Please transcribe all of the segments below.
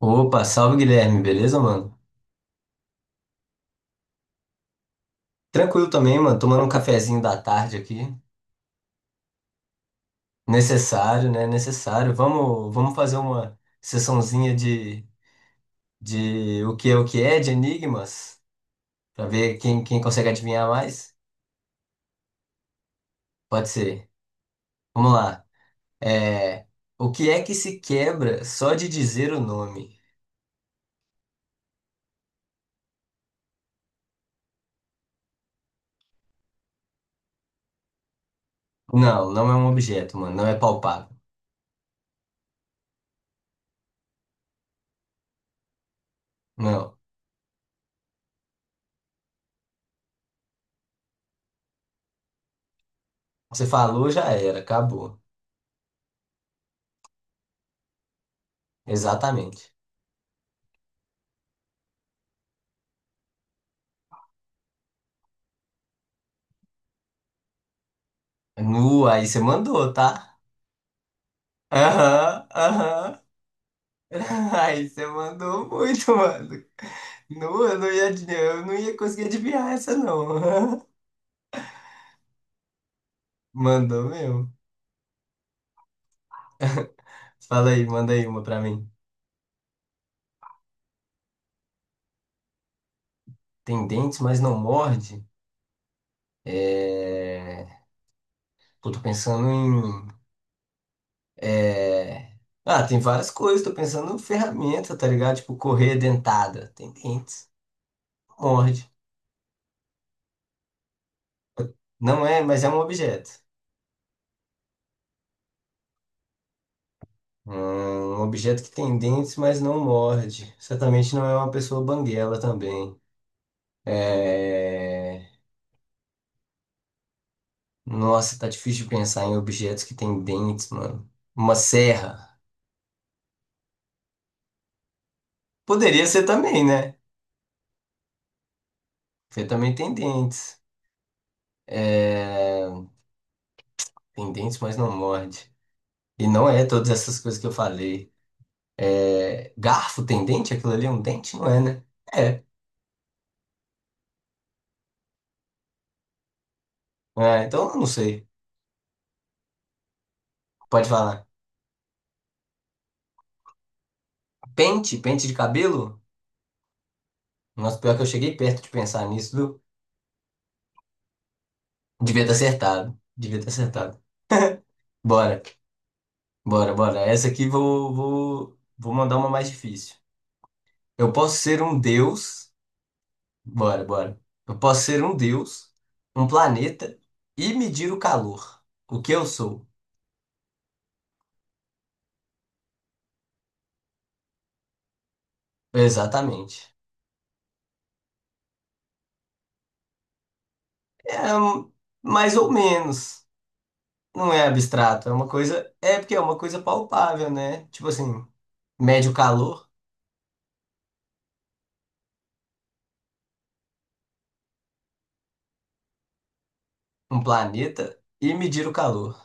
Opa, salve Guilherme, beleza, mano? Tranquilo também, mano, tomando um cafezinho da tarde aqui. Necessário, né? Necessário. Vamos fazer uma sessãozinha de o que é, de enigmas, pra ver quem consegue adivinhar mais. Pode ser. Vamos lá. É, o que é que se quebra só de dizer o nome? Não, não é um objeto, mano, não é palpável. Não. Você falou, já era, acabou. Exatamente. Nu, aí você mandou, tá? Aham, aham. Ai, você mandou muito, mano. Não, eu não ia adivinhar, eu não ia conseguir adivinhar essa, não. Mandou mesmo. Fala aí, manda aí uma pra mim. Tem dentes, mas não morde? É... Pô, tô pensando em... É... Ah, tem várias coisas. Tô pensando em ferramenta, tá ligado? Tipo, correia dentada. Tem dentes, morde. Não é, mas é um objeto. Hum, Um objeto que tem dentes, mas não morde. Certamente não é uma pessoa banguela também. É... Nossa, tá difícil de pensar em objetos que têm dentes, mano. Uma serra. Poderia ser também, né? Porque também tem dentes. É... Tem dentes, mas não morde. E não é todas essas coisas que eu falei. É... Garfo tem dente? Aquilo ali é um dente? Não é, né? É. Ah, então eu não sei. Pode falar. Pente? Pente de cabelo? Nossa, pior que eu cheguei perto de pensar nisso, viu? Devia ter acertado. Devia ter acertado. Bora. Bora. Essa aqui vou mandar uma mais difícil. Eu posso ser um deus. Bora. Eu posso ser um deus, um planeta e medir o calor. O que eu sou? Exatamente. É, mais ou menos. Não é abstrato, é uma coisa. É porque é uma coisa palpável, né? Tipo assim, mede o calor, um planeta e medir o calor.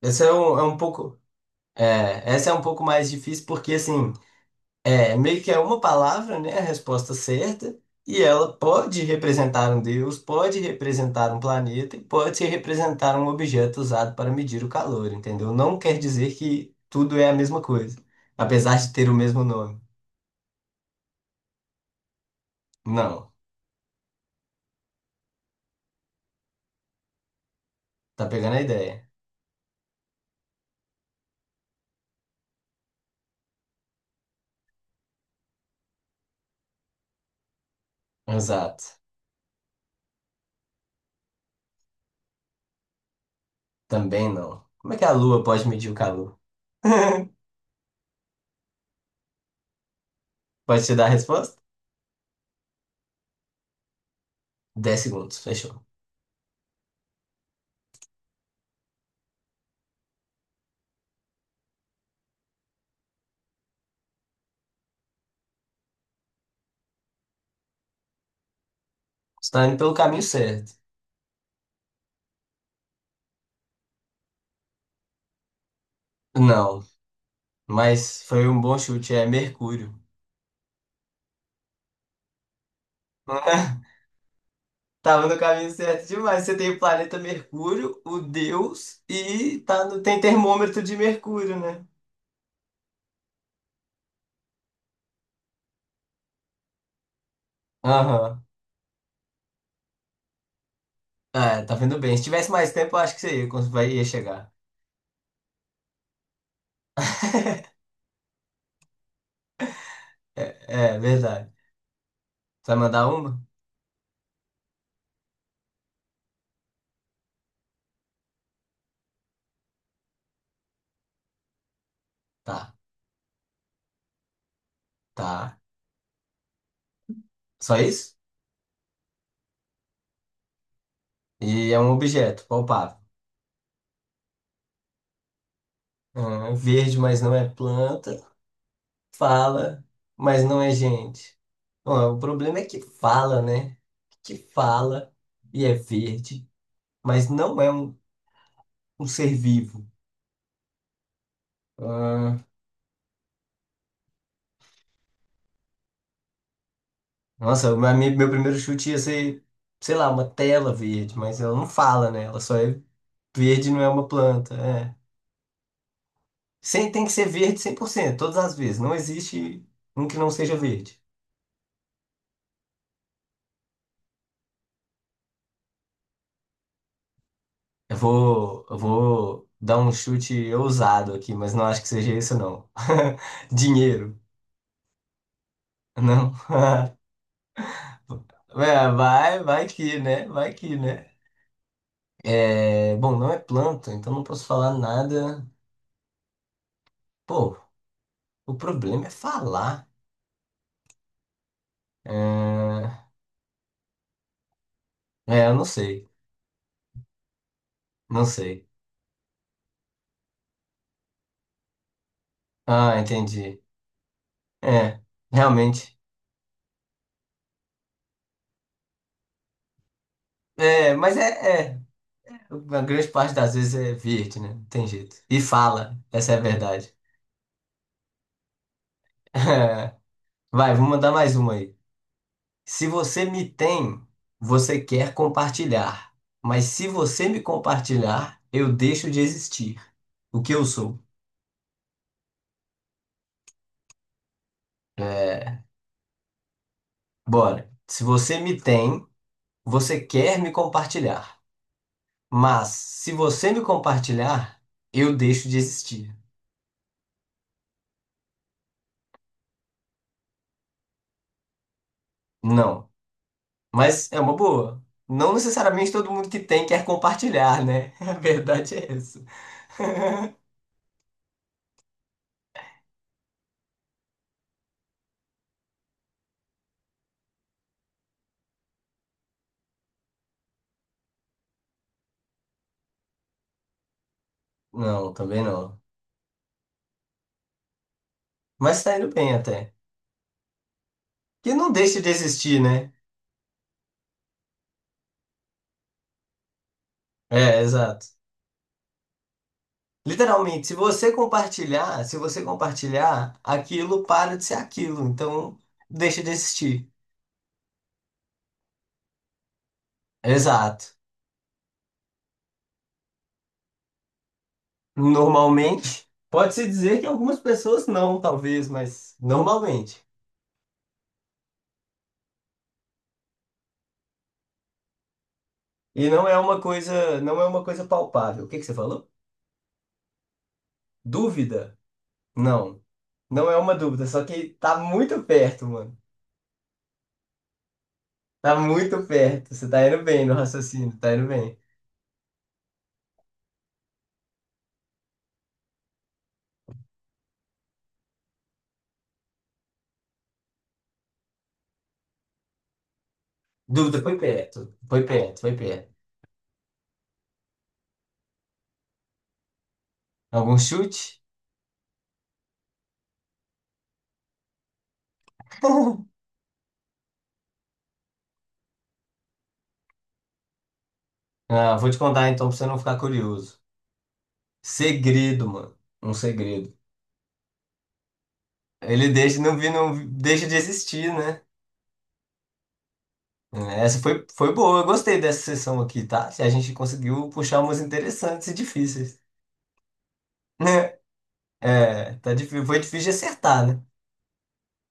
Essa é um pouco. É, essa é um pouco mais difícil porque assim. É, meio que é uma palavra, né, a resposta certa, e ela pode representar um deus, pode representar um planeta e pode representar um objeto usado para medir o calor, entendeu? Não quer dizer que tudo é a mesma coisa, apesar de ter o mesmo nome. Não, tá pegando a ideia. Exato. Também não. Como é que a lua pode medir o calor? Pode te dar a resposta? 10 segundos, fechou. Está indo pelo caminho certo. Não, mas foi um bom chute, é Mercúrio. Tava no caminho certo demais. Você tem o planeta Mercúrio, o Deus e tá no... tem termômetro de Mercúrio, né? Aham. É, tá vindo bem. Se tivesse mais tempo, eu acho que você ia, ia chegar. É, é verdade. Você vai mandar uma? Tá, tá. Só isso? E é um objeto, palpável. Ah, verde, mas não é planta. Fala, mas não é gente. Bom, o problema é que fala, né? Que fala e é verde, mas não é um ser vivo. Ah, nossa, pra mim, meu primeiro chute ia ser, sei lá, uma tela verde, mas ela não fala, né? Ela só é verde, não é uma planta. É. Sem, tem que ser verde 100% todas as vezes. Não existe um que não seja verde. Eu vou dar um chute ousado aqui, mas não acho que seja isso, não. Dinheiro. Não. É, vai que, né? Vai que, né? É, bom, não é planta, então não posso falar nada. Pô, o problema é falar. É, É, eu não sei. Não sei. Ah, entendi. É, realmente. É, mas é. A grande parte das vezes é verde, né? Não tem jeito. E fala, essa é a verdade. Vai, vou mandar mais uma aí. Se você me tem, você quer compartilhar. Mas se você me compartilhar, eu deixo de existir. O que eu sou? É, bora. Se você me tem, você quer me compartilhar. Mas se você me compartilhar, eu deixo de existir. Não. Mas é uma boa. Não necessariamente todo mundo que tem quer compartilhar, né? A verdade é essa. Não, também não. Mas tá indo bem até. Que não deixe de existir, né? É, exato. Literalmente, se você compartilhar, se você compartilhar, aquilo para de ser aquilo. Então, deixa de existir. Exato. Normalmente, pode-se dizer que algumas pessoas não, talvez, mas normalmente. E não é uma coisa, não é uma coisa palpável. O que que você falou? Dúvida? Não. Não é uma dúvida, só que tá muito perto, mano. Tá muito perto. Você tá indo bem no raciocínio, tá indo bem. Dúvida, foi perto. Foi perto, foi perto. Algum chute? Ah, vou te contar então pra você não ficar curioso. Segredo, mano. Um segredo. Ele deixa, não vi, não deixa de existir, né? Essa foi, foi boa. Eu gostei dessa sessão aqui, tá? A gente conseguiu puxar umas interessantes e difíceis. Né? É, tá foi difícil de acertar, né?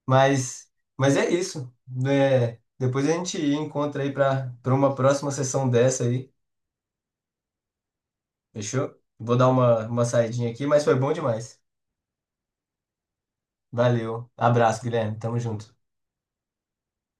Mas, mas é isso, né? Depois a gente encontra aí para uma próxima sessão dessa aí. Fechou? Vou dar uma saidinha aqui, mas foi bom demais. Valeu. Abraço, Guilherme. Tamo junto.